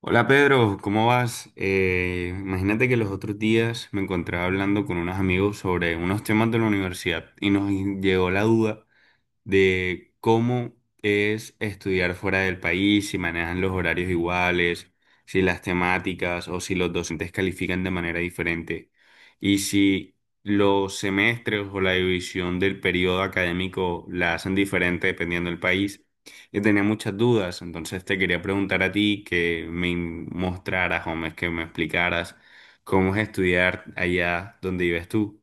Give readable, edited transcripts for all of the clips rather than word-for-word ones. Hola Pedro, ¿cómo vas? Imagínate que los otros días me encontraba hablando con unos amigos sobre unos temas de la universidad y nos llegó la duda de cómo es estudiar fuera del país, si manejan los horarios iguales, si las temáticas o si los docentes califican de manera diferente y si los semestres o la división del periodo académico la hacen diferente dependiendo del país. Yo tenía muchas dudas, entonces te quería preguntar a ti que me mostraras o que me explicaras cómo es estudiar allá donde vives tú.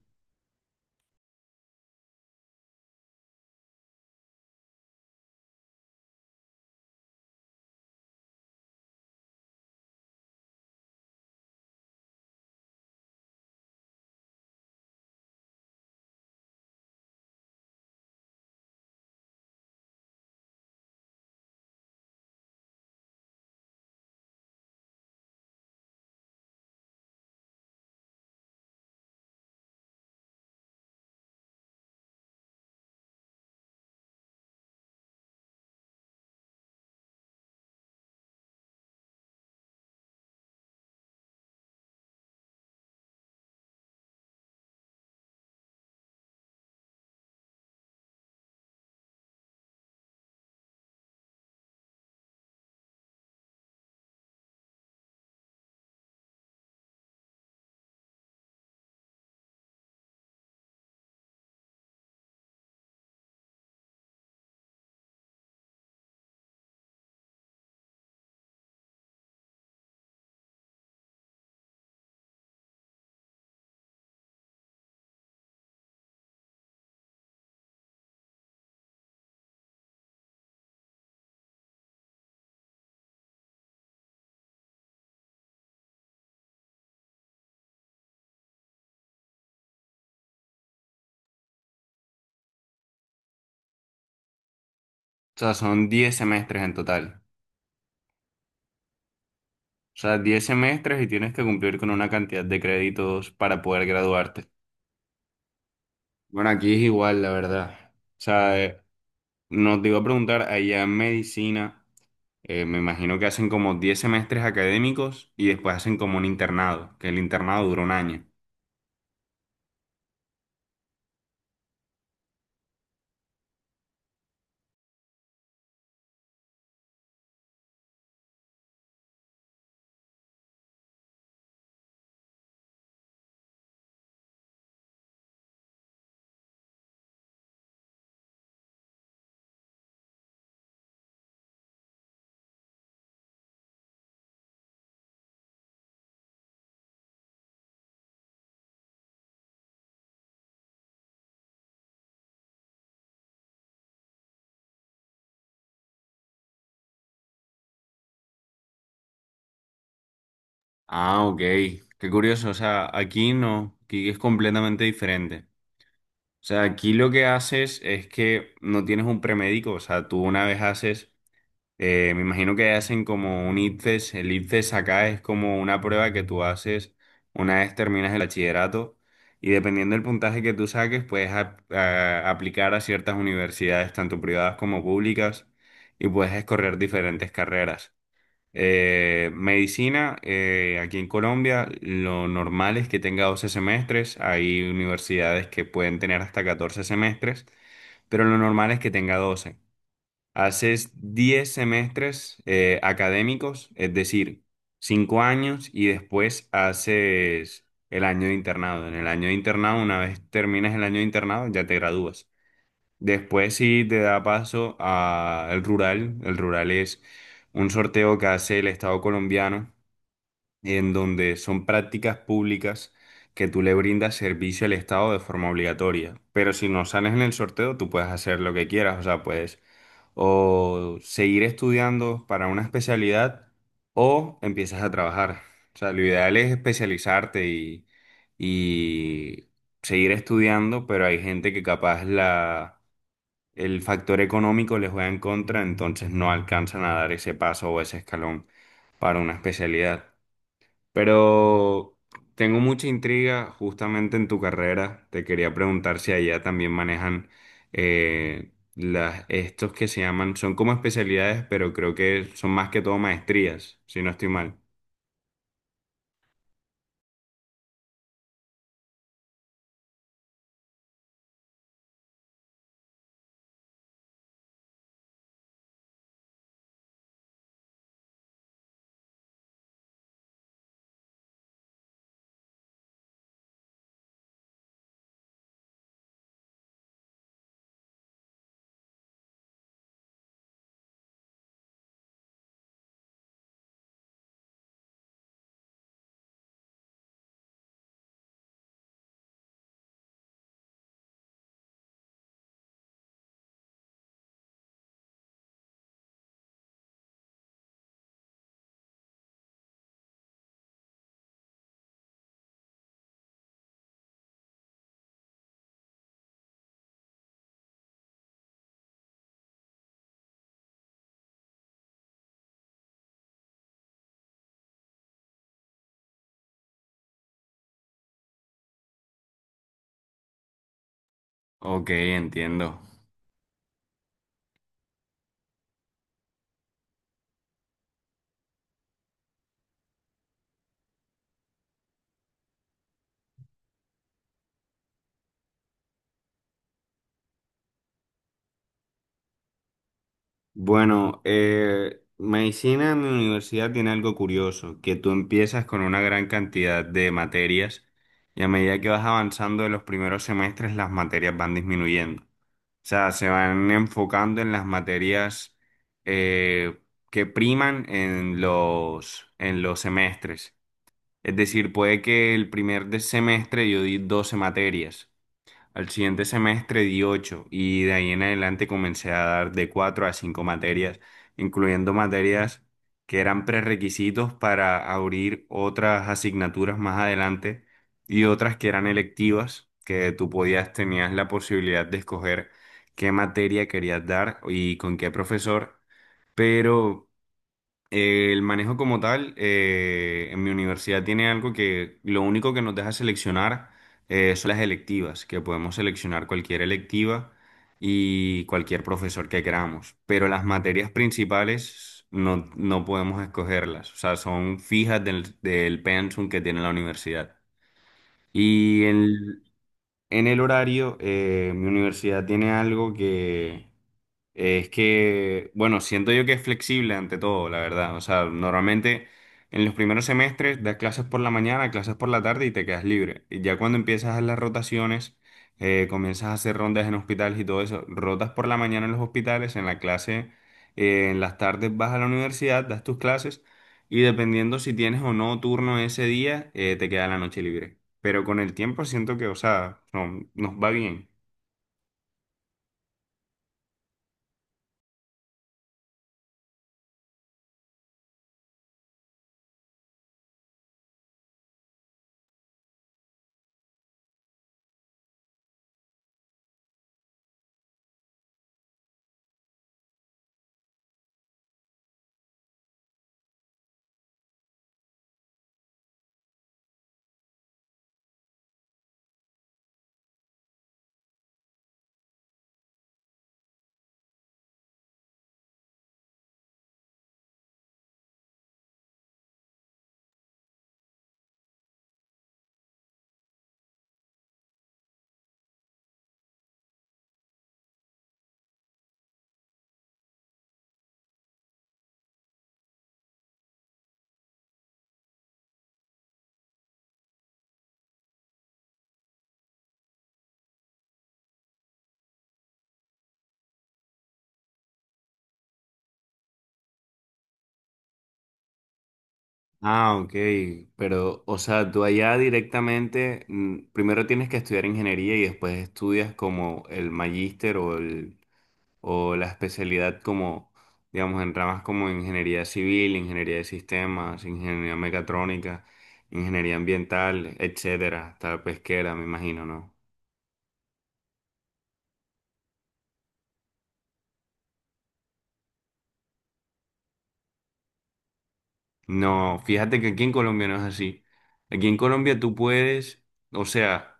O sea, son 10 semestres en total. O sea, 10 semestres y tienes que cumplir con una cantidad de créditos para poder graduarte. Bueno, aquí es igual, la verdad. O sea, nos te iba a preguntar, allá en medicina, me imagino que hacen como 10 semestres académicos y después hacen como un internado, que el internado dura un año. Ah, ok. Qué curioso. O sea, aquí no, aquí es completamente diferente. O sea, aquí lo que haces es que no tienes un premédico, o sea, tú una vez haces. Me imagino que hacen como un ICFES. El ICFES acá es como una prueba que tú haces una vez terminas el bachillerato y dependiendo del puntaje que tú saques, puedes aplicar a ciertas universidades, tanto privadas como públicas, y puedes escoger diferentes carreras. Medicina, aquí en Colombia, lo normal es que tenga 12 semestres. Hay universidades que pueden tener hasta 14 semestres, pero lo normal es que tenga 12. Haces 10 semestres académicos, es decir, 5 años y después haces el año de internado. En el año de internado, una vez terminas el año de internado, ya te gradúas. Después sí te da paso al rural. El rural es un sorteo que hace el Estado colombiano en donde son prácticas públicas que tú le brindas servicio al Estado de forma obligatoria. Pero si no sales en el sorteo, tú puedes hacer lo que quieras, o sea, puedes o seguir estudiando para una especialidad o empiezas a trabajar. O sea, lo ideal es especializarte y seguir estudiando, pero hay gente que capaz la, el factor económico les juega en contra, entonces no alcanzan a dar ese paso o ese escalón para una especialidad. Pero tengo mucha intriga justamente en tu carrera. Te quería preguntar si allá también manejan las, estos que se llaman, son como especialidades, pero creo que son más que todo maestrías, si no estoy mal. Ok, entiendo. Bueno, medicina en mi universidad tiene algo curioso, que tú empiezas con una gran cantidad de materias y a medida que vas avanzando en los primeros semestres las materias van disminuyendo. O sea, se van enfocando en las materias eh, que priman en los semestres. Es decir, puede que el semestre yo di 12 materias, al siguiente semestre di 8 y de ahí en adelante comencé a dar de 4 a 5 materias, incluyendo materias que eran prerequisitos para abrir otras asignaturas más adelante y otras que eran electivas, que tú podías, tenías la posibilidad de escoger qué materia querías dar y con qué profesor, pero el manejo como tal, en mi universidad tiene algo que lo único que nos deja seleccionar son las electivas, que podemos seleccionar cualquier electiva y cualquier profesor que queramos, pero las materias principales no, no podemos escogerlas, o sea, son fijas del pensum que tiene la universidad. Y en, en el horario, mi universidad tiene algo que es que, bueno, siento yo que es flexible ante todo, la verdad. O sea, normalmente en los primeros semestres das clases por la mañana, clases por la tarde y te quedas libre. Y ya cuando empiezas a hacer las rotaciones, comienzas a hacer rondas en hospitales y todo eso. Rotas por la mañana en los hospitales, en la clase, en las tardes vas a la universidad, das tus clases y dependiendo si tienes o no turno ese día, te queda la noche libre. Pero con el tiempo siento que, o sea, nos va bien. Ah, ok. Pero, o sea, tú allá directamente, mm, primero tienes que estudiar ingeniería y después estudias como el magíster o el, o la especialidad como, digamos, en ramas como ingeniería civil, ingeniería de sistemas, ingeniería mecatrónica, ingeniería ambiental, etcétera, hasta pesquera, me imagino, ¿no? No, fíjate que aquí en Colombia no es así. Aquí en Colombia tú puedes, o sea,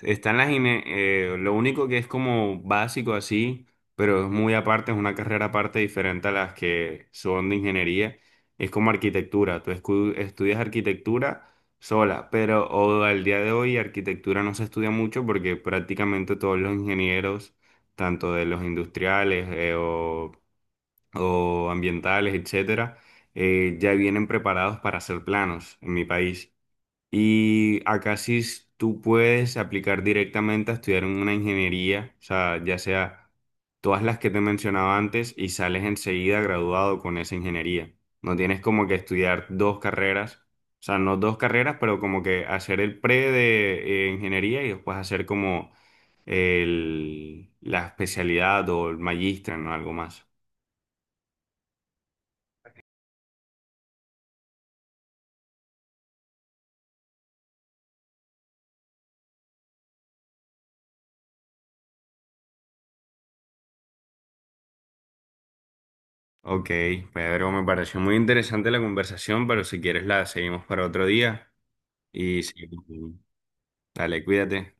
están las INE, lo único que es como básico así, pero es muy aparte, es una carrera aparte diferente a las que son de ingeniería, es como arquitectura. Estudias arquitectura sola, pero o al día de hoy arquitectura no se estudia mucho porque prácticamente todos los ingenieros, tanto de los industriales o ambientales, etcétera, ya vienen preparados para hacer planos en mi país. Y acá tú puedes aplicar directamente a estudiar en una ingeniería, o sea, ya sea todas las que te mencionaba antes y sales enseguida graduado con esa ingeniería. No tienes como que estudiar dos carreras, o sea, no dos carreras, pero como que hacer el pre de ingeniería y después hacer como la especialidad o el magíster, no. Algo más. Ok, Pedro, me pareció muy interesante la conversación, pero si quieres la seguimos para otro día y seguimos. Dale, cuídate.